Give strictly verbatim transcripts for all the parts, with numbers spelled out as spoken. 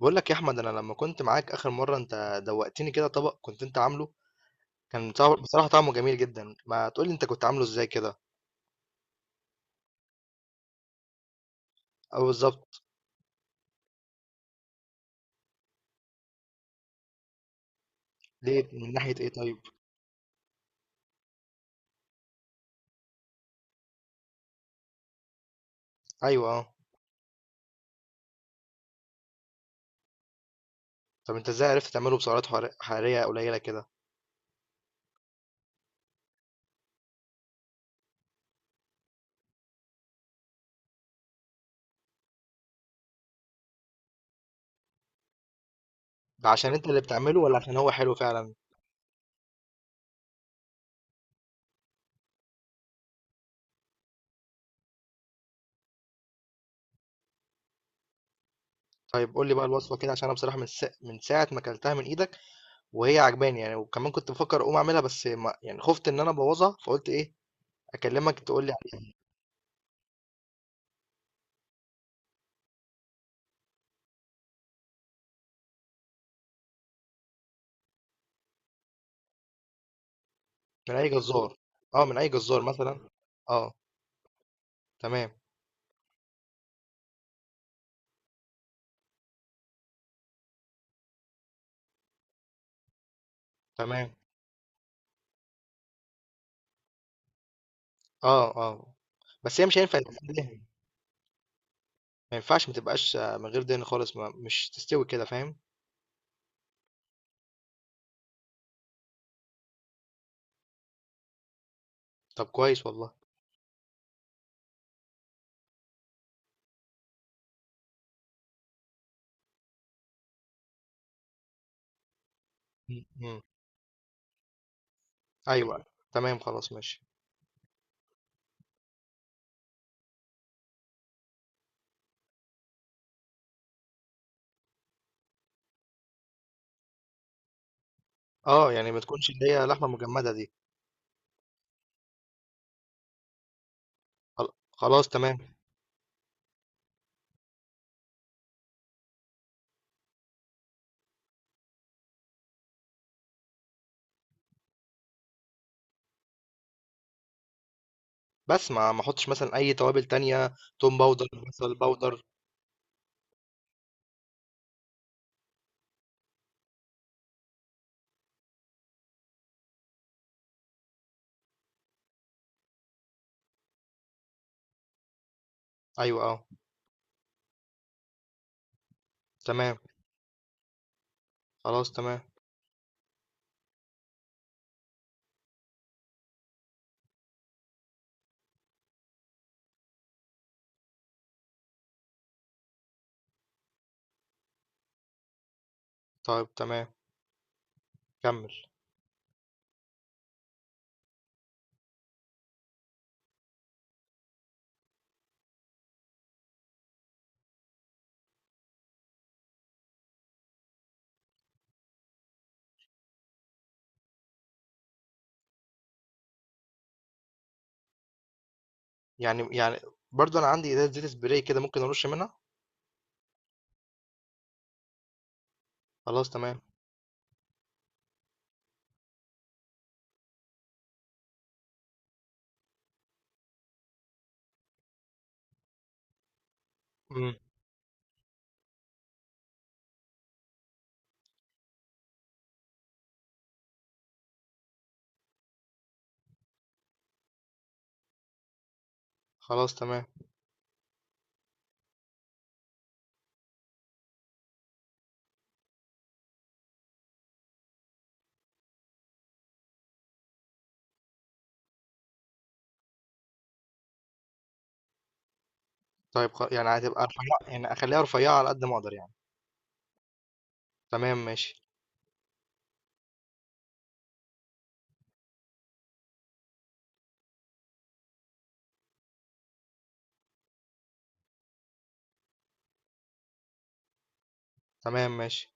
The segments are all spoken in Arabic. بقول لك يا احمد، انا لما كنت معاك اخر مره انت دوقتني كده طبق كنت انت عامله. كان طع- بصراحه طعمه جميل جدا. ما تقول لي انت كنت عامله ازاي كده؟ او بالظبط. ليه؟ من ناحيه ايه طيب؟ ايوه، اه. طب انت ازاي عرفت تعمله بسعرات حر- حراريه قليله كده؟ ده عشان انت اللي بتعمله ولا عشان هو حلو فعلا؟ طيب قول لي بقى الوصفه كده، عشان انا بصراحه من س... من ساعه ما اكلتها من ايدك، وهي عجباني يعني. وكمان كنت بفكر اقوم اعملها، بس ما... يعني خفت ان انا ابوظها، فقلت ايه اكلمك تقول لي عليه. من اي جزار. اه، من اي جزار مثلا. اه. تمام. تمام. آه، آه، بس هي مش هينفع تستوي، ما ينفعش ما تبقاش آه، من غير دهن خالص، ما مش تستوي كده، فاهم؟ طب كويس والله. إمم، إمم، أيوه، تمام خلاص ماشي. آه، يعني ما تكونش اللي هي لحمة مجمدة دي. خل خلاص تمام. بس ما ما احطش مثلًا أي توابل تانية، توم باودر، بصل باودر، أيوه آه. تمام. خلاص تمام. طيب تمام. كمل. يعني يعني برضه أنا عندي زي زيت spray كده، ممكن أرش منها؟ خلاص تمام. إمم. خلاص تمام. طيب خ يعني هتبقى رفيعة، يعني أخليها رفيعة على قد ما أقدر يعني. تمام ماشي. تمام ماشي.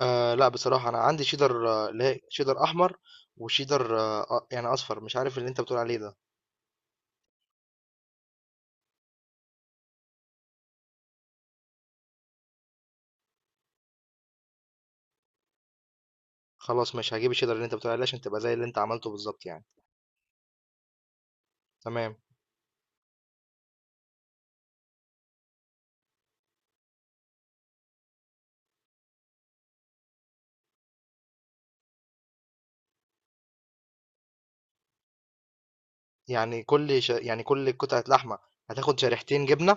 آه، لا، بصراحة أنا عندي شيدر، آه، اللي هي شيدر أحمر، وشيدر آه آه، يعني أصفر. مش عارف اللي أنت بتقول عليه ده. خلاص ماشي، هجيب الشيدر اللي أنت بتقول عليه عشان تبقى زي اللي أنت عملته بالظبط يعني. تمام. يعني كل ش... يعني كل قطعة لحمة هتاخد شريحتين جبنة؟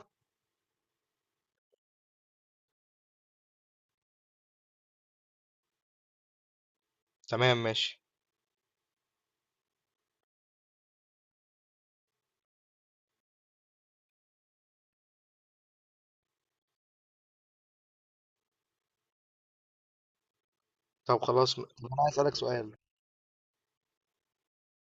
تمام ماشي. طب خلاص م- طب أنا عايز أسألك سؤال.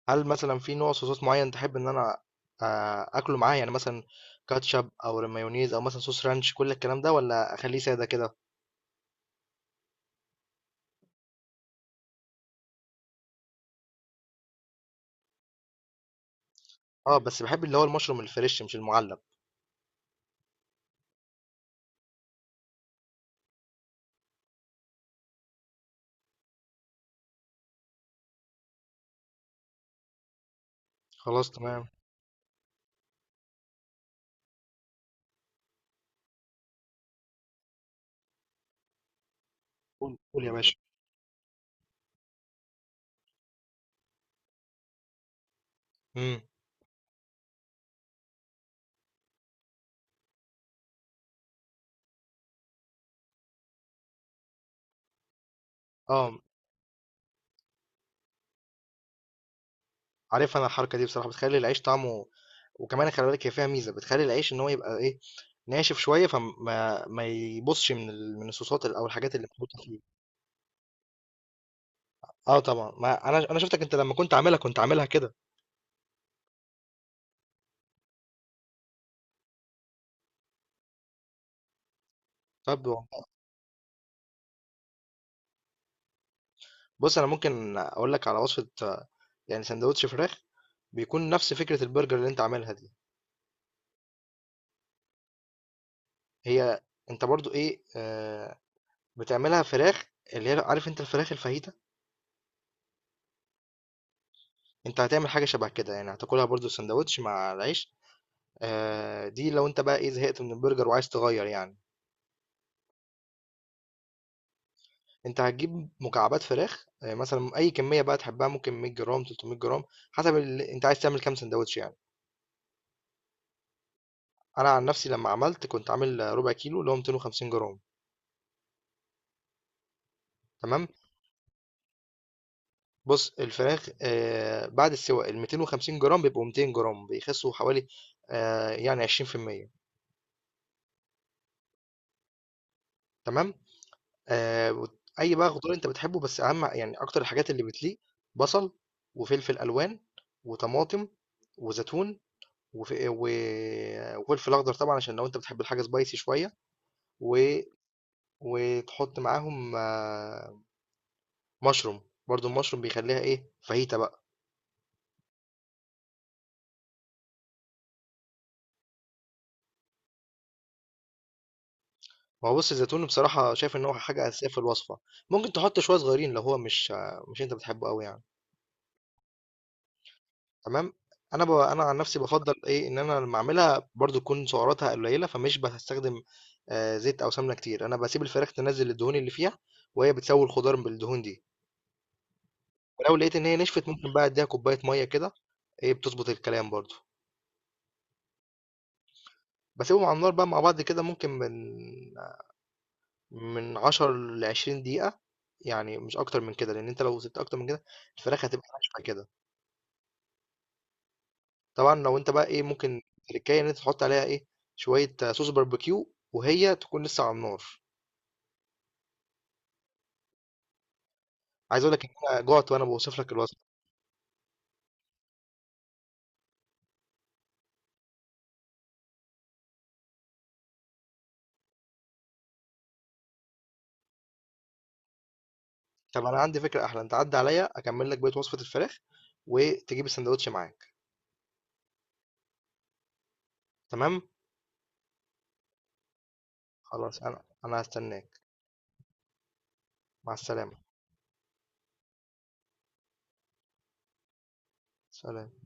هل مثلا في نوع صوصات معين تحب إن أنا آه أكله معاه، يعني مثلا كاتشب أو مايونيز أو مثلا صوص رانش، كل الكلام ده، ولا أخليه سادة كده؟ أه، بس بحب اللي هو المشروم الفريش مش المعلب. خلاص تمام. قول، قول يا باشا. امم. اه. عارف، انا الحركه دي بصراحه بتخلي العيش طعمه. وكمان خلي بالك هي فيها ميزه بتخلي العيش ان هو يبقى ايه ناشف شويه، فما ما يبصش من ال... من الصوصات او الحاجات اللي محطوطه فيه. اه طبعا، ما انا انا شفتك انت لما كنت عاملها كنت عاملها كده. طب. بص، انا ممكن اقول لك على وصفه، آه، يعني سندوتش فراخ، بيكون نفس فكره البرجر اللي انت عاملها دي. هي انت برضو ايه آه بتعملها فراخ، اللي هي عارف انت الفراخ الفاهيتا. انت هتعمل حاجه شبه كده، يعني هتاكلها برضو سندوتش مع العيش. آه، دي لو انت بقى ايه زهقت من البرجر وعايز تغير يعني. انت هتجيب مكعبات فراخ، آه، مثلا اي كميه بقى تحبها، ممكن 100 جرام، 300 جرام، حسب ال... انت عايز تعمل كام سندوتش يعني. انا عن نفسي لما عملت كنت عامل ربع كيلو، اللي هو 250 جرام. تمام. بص الفراخ، آه، بعد السواء ال 250 جرام بيبقوا 200 جرام، بيخسوا حوالي آه، يعني عشرين في المية. تمام. آآ وت أي بقى خضار أنت بتحبه، بس أهم يعني أكتر الحاجات اللي بتليق: بصل، وفلفل ألوان، وطماطم، وزيتون، وف و وفلفل أخضر طبعًا، عشان لو أنت بتحب الحاجة spicy شوية. و وتحط معاهم آه، mushroom. برضه الmushroom بيخلّيها إيه، فاهيتا بقى. ما هو، بُص، الزيتون بصراحة شايف إن هو حاجة أساسية في الوصفة، ممكن تحط شوية صغيرين لو هو مش آه، مش أنت بتحبه أوي يعني. تمام. انا ب... انا عن نفسي بفضل ايه ان انا لما اعملها برضو تكون سعراتها قليله، فمش بستخدم آه، زيت او سمنه كتير. انا بسيب الفراخ تنزل الدهون اللي فيها، وهي بتسوي الخضار بالدهون دي. ولو لقيت ان هي نشفت، ممكن بقى اديها كوبايه ميه كده، ايه، بتظبط الكلام برضو. بسيبهم على النار بقى مع بعض كده، ممكن من من عشرة ل عشرين دقيقه، يعني مش اكتر من كده، لان انت لو سبت اكتر من كده الفراخ هتبقى ناشفه كده. طبعًا لو أنت بقى إيه ممكن تريكاية إن أنت تحط عليها إيه، شوية آه، صوص باربيكيو وهي تكون لسه على النار. عايز أقول لك إن أنا جُعت وأنا باوصف لك الوصفة. طب أنا عندي فكرة أحلى، أنت عدّي عليَّ أكمّل لك بقية وصفة الفراخ، وتجيب الساندوتش معاك، تمام؟ خلاص أنا أنا هاستناك. مع السلامة. سلام.